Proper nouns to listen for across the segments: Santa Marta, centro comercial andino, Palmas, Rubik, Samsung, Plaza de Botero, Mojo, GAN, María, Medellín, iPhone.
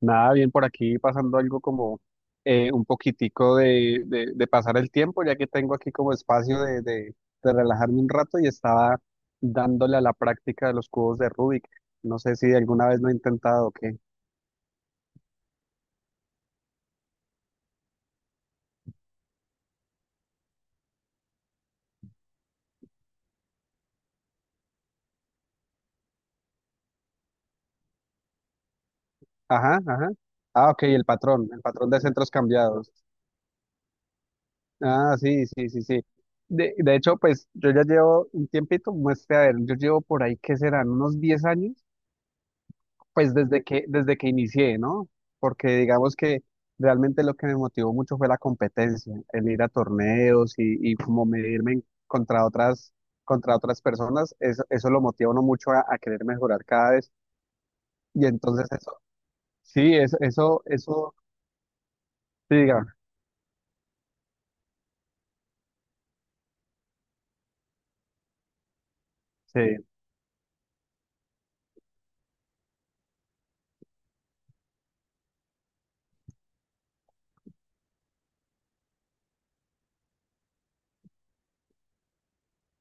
Nada, bien por aquí pasando algo como un poquitico de pasar el tiempo, ya que tengo aquí como espacio de relajarme un rato y estaba dándole a la práctica de los cubos de Rubik. No sé si alguna vez lo he intentado o qué. Ajá, ajá. Ah, ok, el patrón de centros cambiados. Ah, sí, sí, sí, sí. De hecho, pues yo ya llevo un tiempito, muestre, a ver, yo llevo por ahí, ¿qué serán? Unos 10 años. Pues desde que inicié, ¿no? Porque digamos que realmente lo que me motivó mucho fue la competencia, el ir a torneos y como contra otras personas, eso lo motiva a uno mucho a querer mejorar cada vez. Y entonces eso, sí, eso, sí, diga, sí,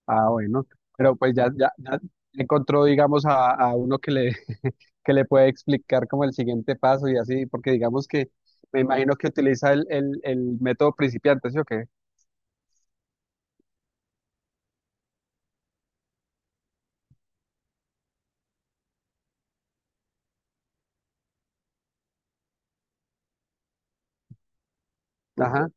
ah, bueno, pero pues ya encontró, digamos, a uno que le, que le puede explicar como el siguiente paso y así, porque digamos que me imagino que utiliza el método principiante, ¿sí o qué? Ajá,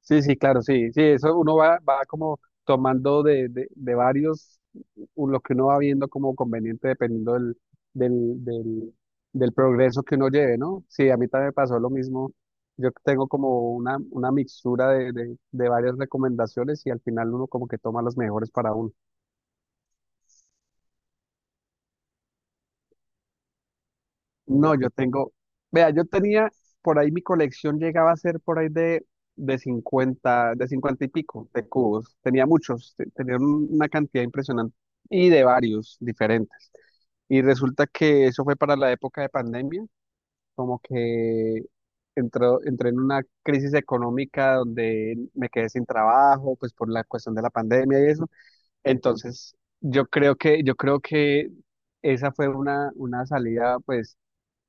sí, sí, claro, sí, sí, eso uno va como tomando de varios lo que uno va viendo como conveniente dependiendo del, del, del progreso que uno lleve, ¿no? Sí, a mí también me pasó lo mismo, yo tengo como una mixtura de varias recomendaciones y al final uno como que toma las mejores para uno. No, yo tengo, vea, yo tenía, por ahí mi colección llegaba a ser por ahí de cincuenta y pico de cubos. Tenía muchos, tenía una cantidad impresionante y de varios diferentes. Y resulta que eso fue para la época de pandemia, como que entré en una crisis económica donde me quedé sin trabajo, pues por la cuestión de la pandemia y eso. Entonces, yo creo que esa fue una salida, pues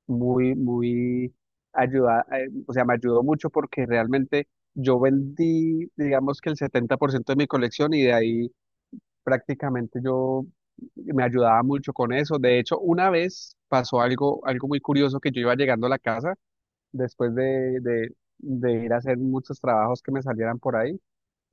muy, muy ayuda, o sea, me ayudó mucho porque realmente yo vendí, digamos que el 70% de mi colección y de ahí prácticamente yo me ayudaba mucho con eso. De hecho, una vez pasó algo muy curioso que yo iba llegando a la casa después de ir a hacer muchos trabajos que me salieran por ahí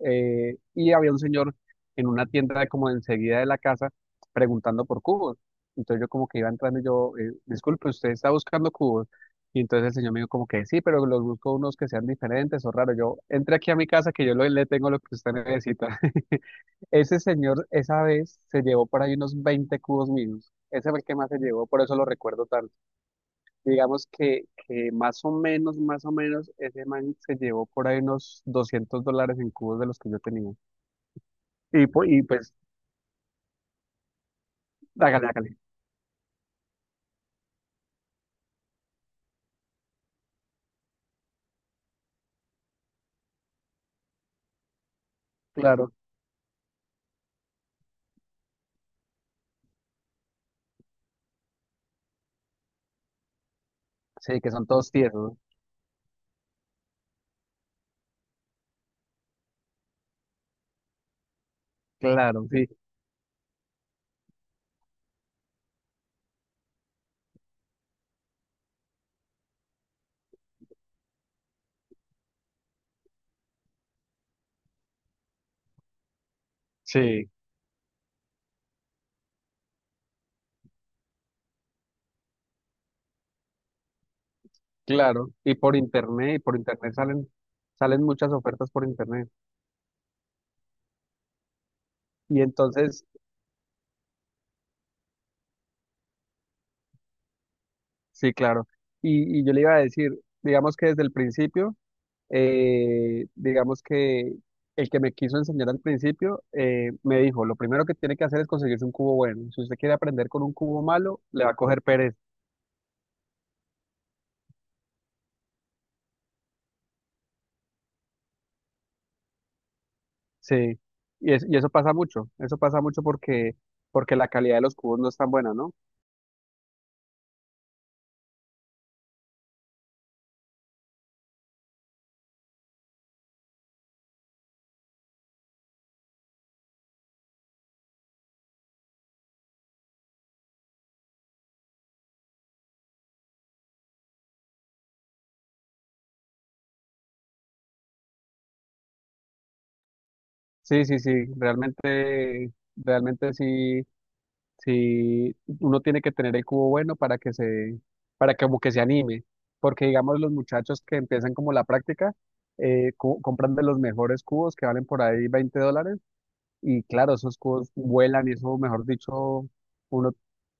y había un señor en una tienda de como de enseguida de la casa preguntando por cubos. Entonces yo como que iba entrando y yo, disculpe, usted está buscando cubos. Y entonces el señor me dijo como que sí, pero los busco unos que sean diferentes o raros. Yo entré aquí a mi casa que yo le tengo lo que usted necesita. Ese señor esa vez se llevó por ahí unos 20 cubos míos. Ese fue el que más se llevó, por eso lo recuerdo tanto. Digamos que más o menos, ese man se llevó por ahí unos $200 en cubos de los que yo tenía. Y pues, hágale, hágale. Claro, sí, que son todos tiesos. Claro, sí, sí, claro. Y por internet salen muchas ofertas por internet. Y entonces, sí, claro. Y yo le iba a decir, digamos que desde el principio, digamos que el que me quiso enseñar al principio, me dijo, lo primero que tiene que hacer es conseguirse un cubo bueno. Si usted quiere aprender con un cubo malo, le va a coger pereza. Sí, y eso pasa mucho porque la calidad de los cubos no es tan buena, ¿no? Sí, sí, sí, realmente, realmente sí, sí, uno tiene que tener el cubo bueno para que como que se anime, porque digamos los muchachos que empiezan como la práctica, compran de los mejores cubos que valen por ahí $20, y claro, esos cubos vuelan y eso, mejor dicho, uno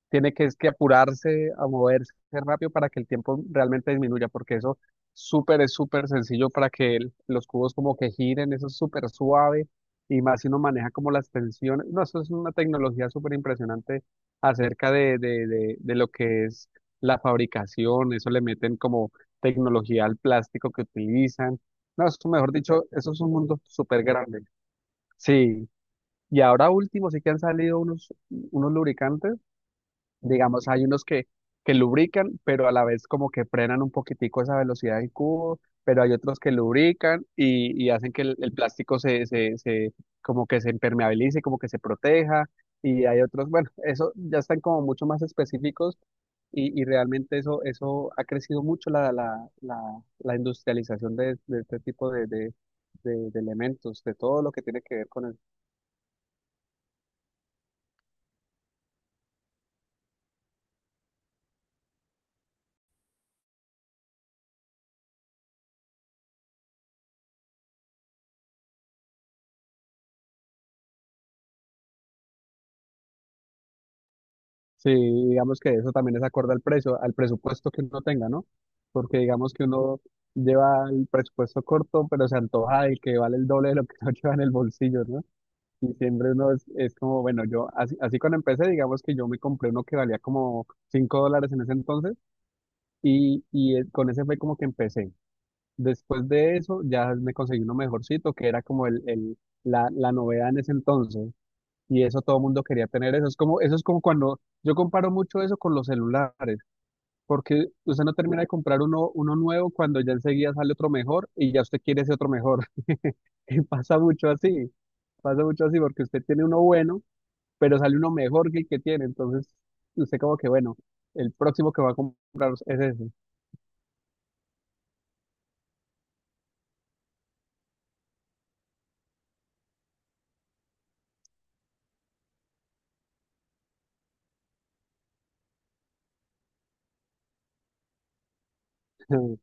tiene que, es que apurarse a moverse rápido para que el tiempo realmente disminuya, porque eso súper es súper sencillo para que los cubos como que giren, eso es súper suave y más si uno maneja como las tensiones. No, eso es una tecnología súper impresionante acerca de lo que es la fabricación, eso le meten como tecnología al plástico que utilizan. No, eso, mejor dicho, eso es un mundo súper grande. Sí, y ahora último sí que han salido unos lubricantes. Digamos, hay unos que lubrican, pero a la vez como que frenan un poquitico esa velocidad del cubo, pero hay otros que lubrican y hacen que el plástico como que se impermeabilice, como que se proteja, y hay otros, bueno, eso ya están como mucho más específicos y realmente eso, eso ha crecido mucho la industrialización de este tipo de elementos, de todo lo que tiene que ver con el. Sí, digamos que eso también es acorde al precio, al presupuesto que uno tenga, ¿no? Porque digamos que uno lleva el presupuesto corto, pero se antoja del que vale el doble de lo que uno lleva en el bolsillo, ¿no? Y siempre uno es como, bueno, yo así, así cuando empecé, digamos que yo me compré uno que valía como $5 en ese entonces y con ese fue como que empecé. Después de eso ya me conseguí uno mejorcito, que era como la novedad en ese entonces. Y eso todo el mundo quería tener eso. Es como, eso es como cuando yo comparo mucho eso con los celulares, porque usted no termina de comprar uno nuevo cuando ya enseguida sale otro mejor y ya usted quiere ese otro mejor. Y pasa mucho así porque usted tiene uno bueno, pero sale uno mejor que el que tiene. Entonces, usted como que, bueno, el próximo que va a comprar es ese.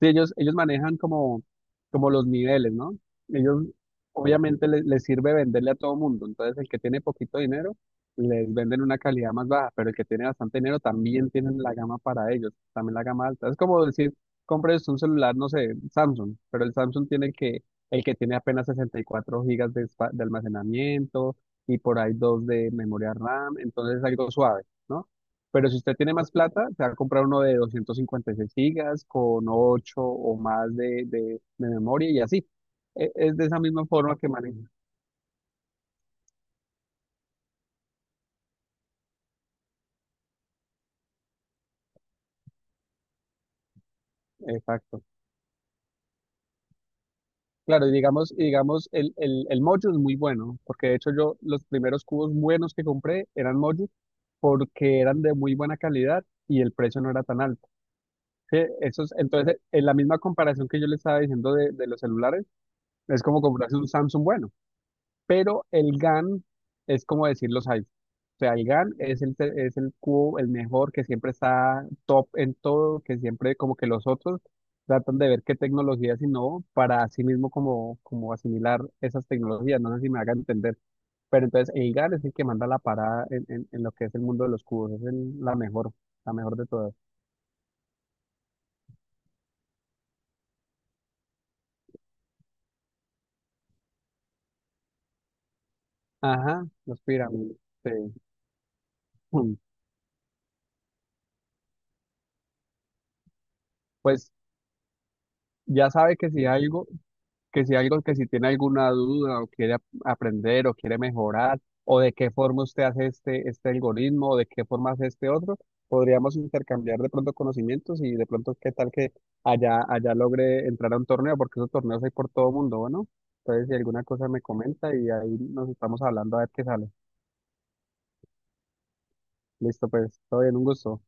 Sí, ellos manejan como los niveles, ¿no? Ellos obviamente les, sirve venderle a todo mundo. Entonces, el que tiene poquito dinero, les venden una calidad más baja, pero el que tiene bastante dinero también tienen la gama para ellos, también la gama alta. Es como decir, compres un celular, no sé, Samsung, pero el Samsung tiene el que tiene apenas 64 gigas de almacenamiento y por ahí dos de memoria RAM, entonces es algo suave, ¿no? Pero si usted tiene más plata, se va a comprar uno de 256 gigas con 8 o más de memoria y así. Es de esa misma forma que maneja. Exacto. Claro, y digamos el Mojo es muy bueno, porque de hecho yo los primeros cubos buenos que compré eran Mojo porque eran de muy buena calidad y el precio no era tan alto. Sí, entonces, en la misma comparación que yo le estaba diciendo de los celulares, es como comprarse un Samsung bueno. Pero el GAN es como decir los iPhone. O sea, el GAN es el cubo, el mejor, que siempre está top en todo, que siempre como que los otros tratan de ver qué tecnologías innovó para así mismo como asimilar esas tecnologías. No sé si me hagan entender. Pero entonces el GAN es el que manda la parada en lo que es el mundo de los cubos. Es la mejor de todas. Ajá, los pirámides. Sí. Mm. Pues ya sabe que si algo... que si tiene alguna duda o quiere aprender o quiere mejorar, o de qué forma usted hace este algoritmo, o de qué forma hace este otro, podríamos intercambiar de pronto conocimientos y de pronto qué tal que allá logre entrar a un torneo, porque esos torneos hay por todo mundo, ¿no? Entonces, si alguna cosa me comenta y ahí nos estamos hablando a ver qué sale. Listo, pues, todo bien, un gusto.